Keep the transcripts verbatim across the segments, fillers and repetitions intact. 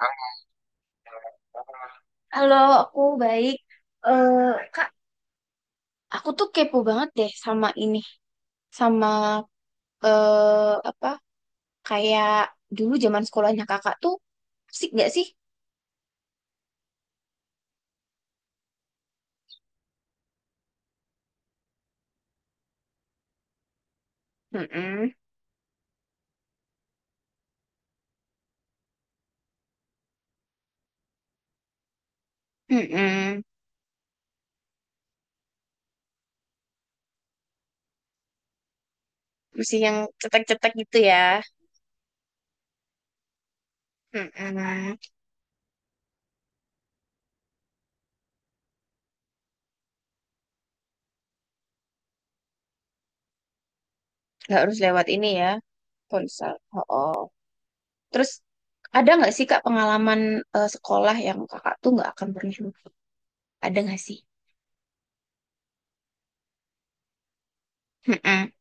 Kang, halo, aku baik. Eh, Kak, aku tuh kepo banget deh sama ini, sama eh apa kayak dulu zaman sekolahnya kakak tuh asik gak sih? Mm-mm, mm-mm. Masih yang cetek-cetek gitu ya. Mm-mm. Nggak harus lewat ini ya, ponsel. Oh, oh. Terus ada nggak sih Kak pengalaman eh, sekolah yang kakak tuh nggak akan pernah lupa? Ada nggak sih? Mm-mm.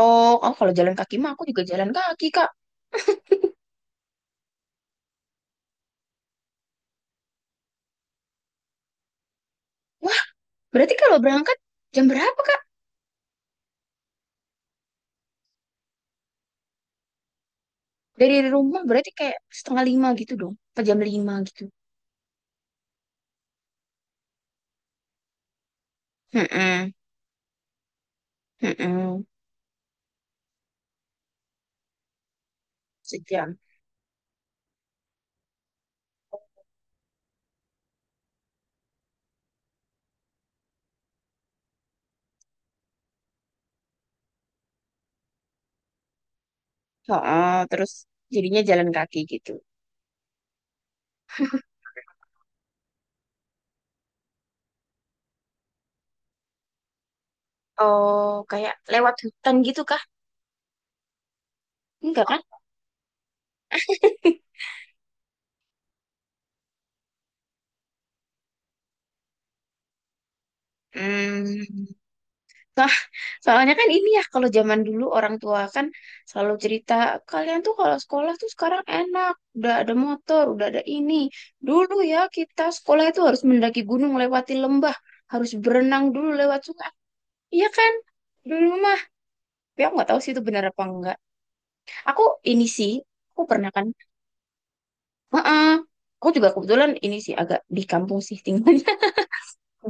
Oh, oh kalau jalan kaki mah aku juga jalan kaki, Kak. Wah, berarti kalau berangkat jam berapa, Kak? Dari rumah berarti kayak setengah lima gitu dong. Apa jam lima gitu. Mm-mm, mm-mm. Sejam. Oh, terus jadinya jalan kaki gitu. Oh, kayak lewat hutan gitu, Kak? Enggak kan? Hmm. Nah, soalnya kan ini ya, kalau zaman dulu orang tua kan selalu cerita, kalian tuh kalau sekolah tuh sekarang enak, udah ada motor, udah ada ini. Dulu ya kita sekolah itu harus mendaki gunung, lewati lembah, harus berenang dulu lewat sungai. Iya kan? Dulu mah, tapi aku nggak tahu sih itu benar apa enggak. Aku ini sih, aku pernah kan. Heeh. Aku juga kebetulan ini sih agak di kampung sih tinggal.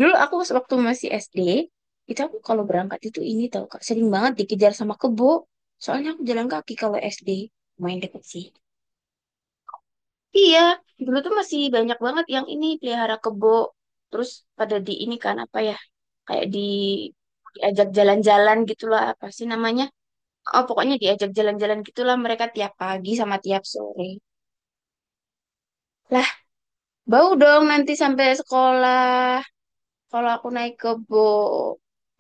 Dulu aku pas waktu masih S D, itu aku kalau berangkat itu ini tau Kak, sering banget dikejar sama kebo. Soalnya aku jalan kaki kalau S D, main deket sih. Iya, dulu tuh masih banyak banget yang ini pelihara kebo. Terus pada di ini kan apa ya, kayak di diajak jalan-jalan gitulah apa sih namanya? Oh, pokoknya diajak jalan-jalan gitulah mereka tiap pagi sama tiap sore. Lah, bau dong nanti sampai sekolah kalau aku naik kebo.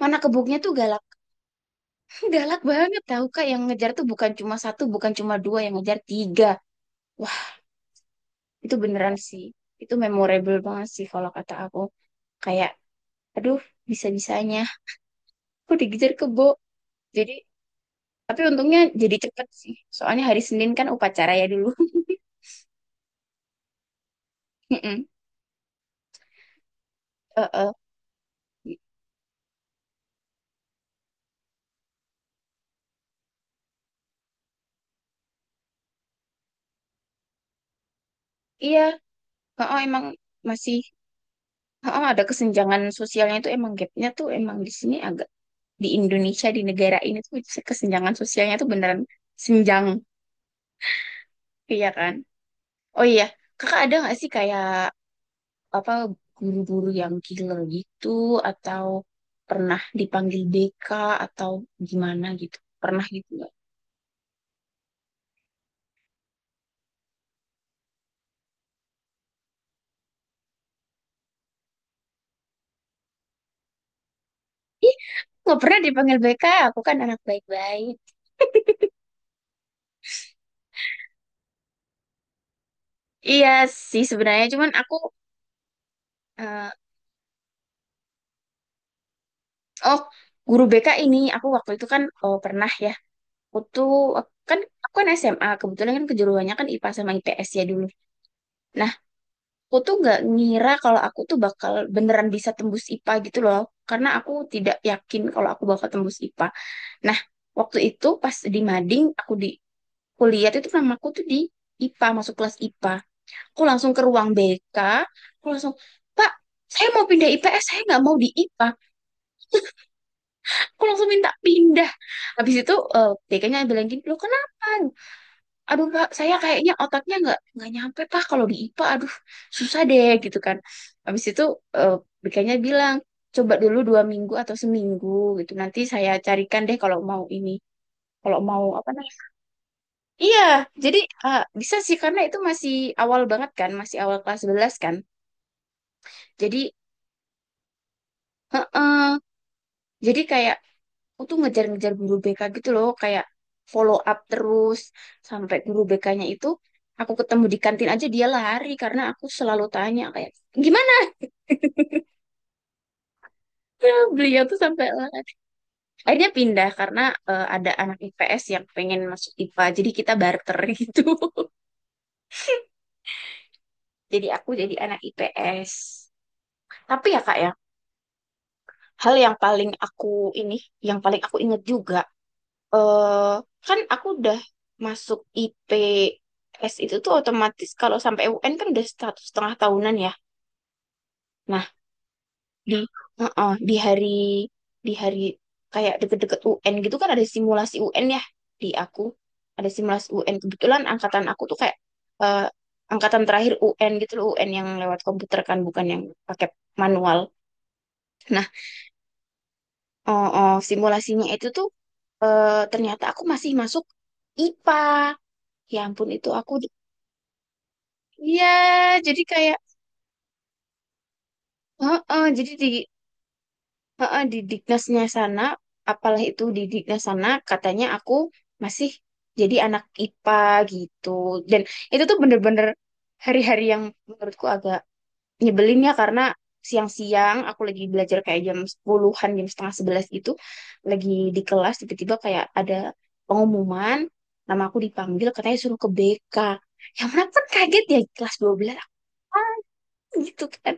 Mana kebunnya tuh galak, galak banget tahu Kak, yang ngejar tuh bukan cuma satu, bukan cuma dua, yang ngejar tiga. Wah, itu beneran sih. Itu memorable banget sih kalau kata aku. Kayak aduh, bisa-bisanya aku dikejar kebo. Jadi tapi untungnya jadi cepet sih. Soalnya hari Senin kan upacara ya dulu. Mm-mm. Uh-uh. Iya, oh emang masih oh, ada kesenjangan sosialnya tuh, emang gapnya tuh emang di sini agak, di Indonesia di negara ini tuh kesenjangan sosialnya tuh beneran senjang, iya kan? Oh iya, kakak ada nggak sih kayak apa guru-guru yang killer gitu atau pernah dipanggil B K atau gimana gitu? Pernah gitu nggak? Ih, nggak pernah dipanggil B K. Aku kan anak baik-baik. Iya sih sebenarnya, cuman aku eh, oh, guru B K ini aku waktu itu kan, oh, pernah ya. Aku tuh kan, aku kan S M A kebetulan kan kejuruannya kan I P A sama I P S ya dulu. Aku tuh nggak ngira kalau aku tuh bakal beneran bisa tembus I P A gitu loh, karena aku tidak yakin kalau aku bakal tembus I P A. Nah, waktu itu pas di mading, aku di kuliah itu namaku tuh di I P A, masuk kelas I P A, aku langsung ke ruang B K. Aku langsung, "Pak, saya mau pindah I P S, saya nggak mau di I P A." Aku langsung minta pindah. Habis itu eh B K-nya bilang, "Gini loh kenapa? Aduh Pak, saya kayaknya otaknya nggak nggak nyampe Pak kalau di I P A, aduh susah deh," gitu kan. Habis itu eh, B K-nya bilang, "Coba dulu dua minggu atau seminggu gitu, nanti saya carikan deh kalau mau ini, kalau mau apa namanya." Iya, jadi eh, bisa sih karena itu masih awal banget kan, masih awal kelas sebelas kan. Jadi heeh, jadi kayak aku tuh ngejar-ngejar guru B K gitu loh, kayak follow up terus sampai guru B K-nya itu aku ketemu di kantin aja dia lari, karena aku selalu tanya kayak, "Gimana ya?" Beliau tuh sampai lari. Akhirnya pindah karena eh, ada anak I P S yang pengen masuk I P A, jadi kita barter gitu. Jadi aku jadi anak I P S. Tapi ya Kak ya, hal yang paling aku ini, yang paling aku inget juga eh kan aku udah masuk I P S, itu tuh otomatis kalau sampai U N kan udah satu setengah tahunan ya. Nah, di heeh, di hari di hari kayak deket-deket U N gitu kan ada simulasi U N ya di aku. Ada simulasi U N. Kebetulan angkatan aku tuh kayak, eh, angkatan terakhir U N gitu loh, U N yang lewat komputer kan, bukan yang pakai manual. Nah, eh, eh, simulasinya itu tuh eh, ternyata aku masih masuk I P A. Ya ampun itu aku. Iya, jadi kayak heeh, jadi di heeh, di Diknasnya sana, apalah itu di Diknas sana katanya aku masih jadi anak I P A gitu. Dan itu tuh bener-bener hari-hari yang menurutku agak nyebelin ya, karena siang-siang aku lagi belajar kayak jam sepuluh, jam setengah sebelas gitu, lagi di kelas tiba-tiba kayak ada pengumuman nama aku dipanggil katanya suruh ke B K. Yang mana kan kaget ya, kelas dua belas aku gitu kan.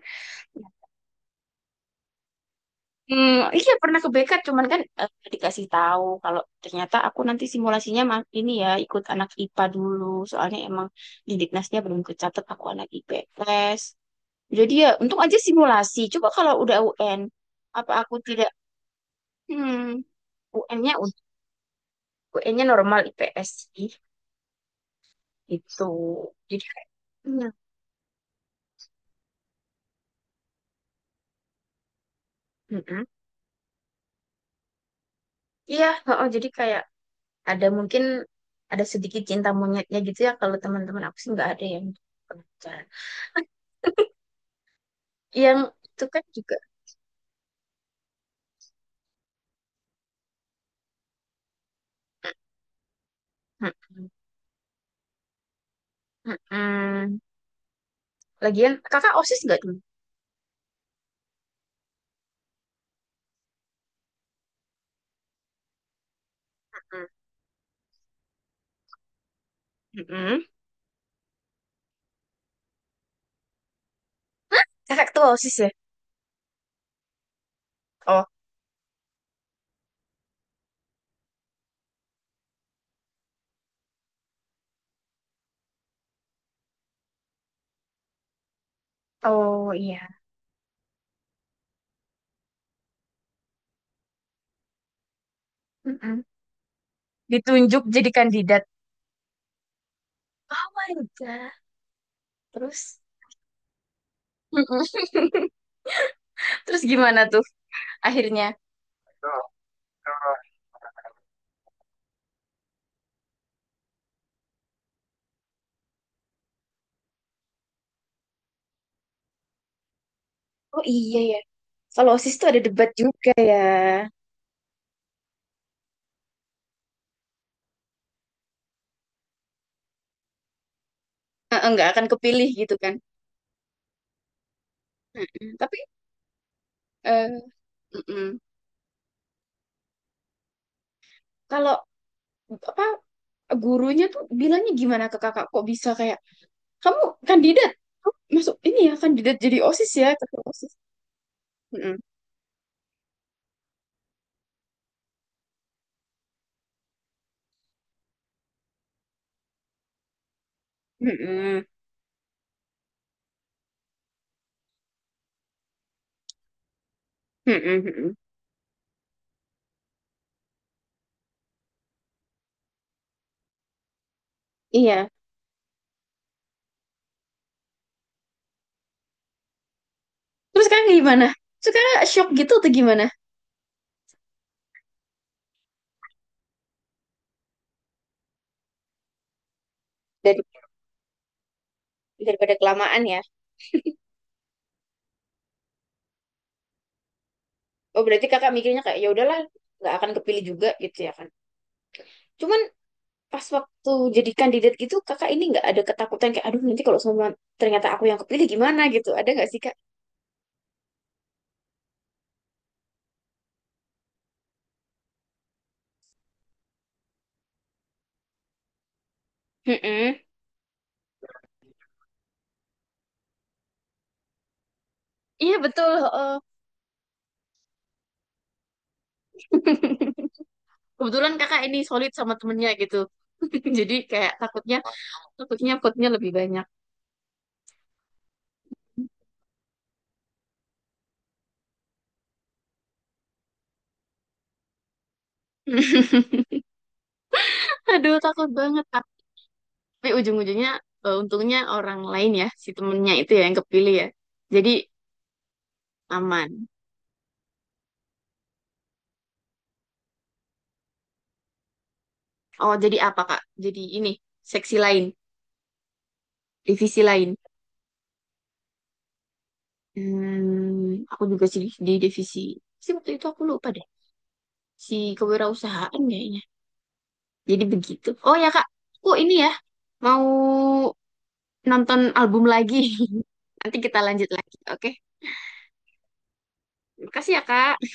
Hmm, iya pernah ke B K, cuman kan eh, dikasih tahu kalau ternyata aku nanti simulasinya mah ini ya ikut anak I P A dulu, soalnya emang di Diknasnya belum kecatet aku anak I P S. Jadi ya untung aja simulasi. Coba kalau udah U N, apa aku tidak hmm, UN-nya UN-nya normal I P S sih itu. Jadi kayaknya, mm-mm. Iya, oh, jadi kayak ada mungkin ada sedikit cinta monyetnya gitu ya, kalau teman-teman aku sih nggak ada yang kebetulan. Yang itu kan. Mm-mm. Mm-mm. Lagian kakak OSIS nggak tuh? Mm-mm. Mm-mm. Kakak ketua OSIS ya? Oh, oh iya. Mm-mm. Ditunjuk jadi kandidat. Oh my God. Terus, Mm-mm. Terus gimana tuh akhirnya? Oh iya ya. Kalau OSIS tuh ada debat juga ya. Eh, Nggak akan kepilih gitu kan. Mm-mm. Tapi eh, mm-mm. Kalau apa gurunya tuh bilangnya gimana ke kakak? Kok bisa kayak, "Kamu kandidat, kamu masuk ini ya kandidat jadi OSIS ya, ketua OSIS." Mm-mm. Mm-mm. Mm-mm. Mm-mm. Iya. Terus sekarang gimana? Terus kakak shock gitu atau gimana? Dari Daripada kelamaan ya. Oh berarti kakak mikirnya kayak ya udahlah nggak akan kepilih juga gitu ya kan. Cuman pas waktu jadi kandidat gitu kakak ini nggak ada ketakutan kayak aduh nanti kalau semua ternyata aku yang kepilih gimana gitu. Ada nggak sih kak? Mm-mm. Iya betul. Heeh. Kebetulan kakak ini solid sama temennya gitu. Jadi kayak takutnya takutnya takutnya lebih banyak. Aduh, takut banget. Tapi ujung-ujungnya eh, untungnya orang lain ya, si temennya itu ya yang kepilih ya. Jadi aman. Oh, jadi apa, Kak? Jadi ini, seksi lain, divisi lain. Hmm, aku juga sih di divisi. Sih waktu itu aku lupa deh. Si kewirausahaan kayaknya. Jadi begitu. Oh ya, Kak. Aku ini ya, mau nonton album lagi. Nanti kita lanjut lagi, oke? Makasih ya, Kak.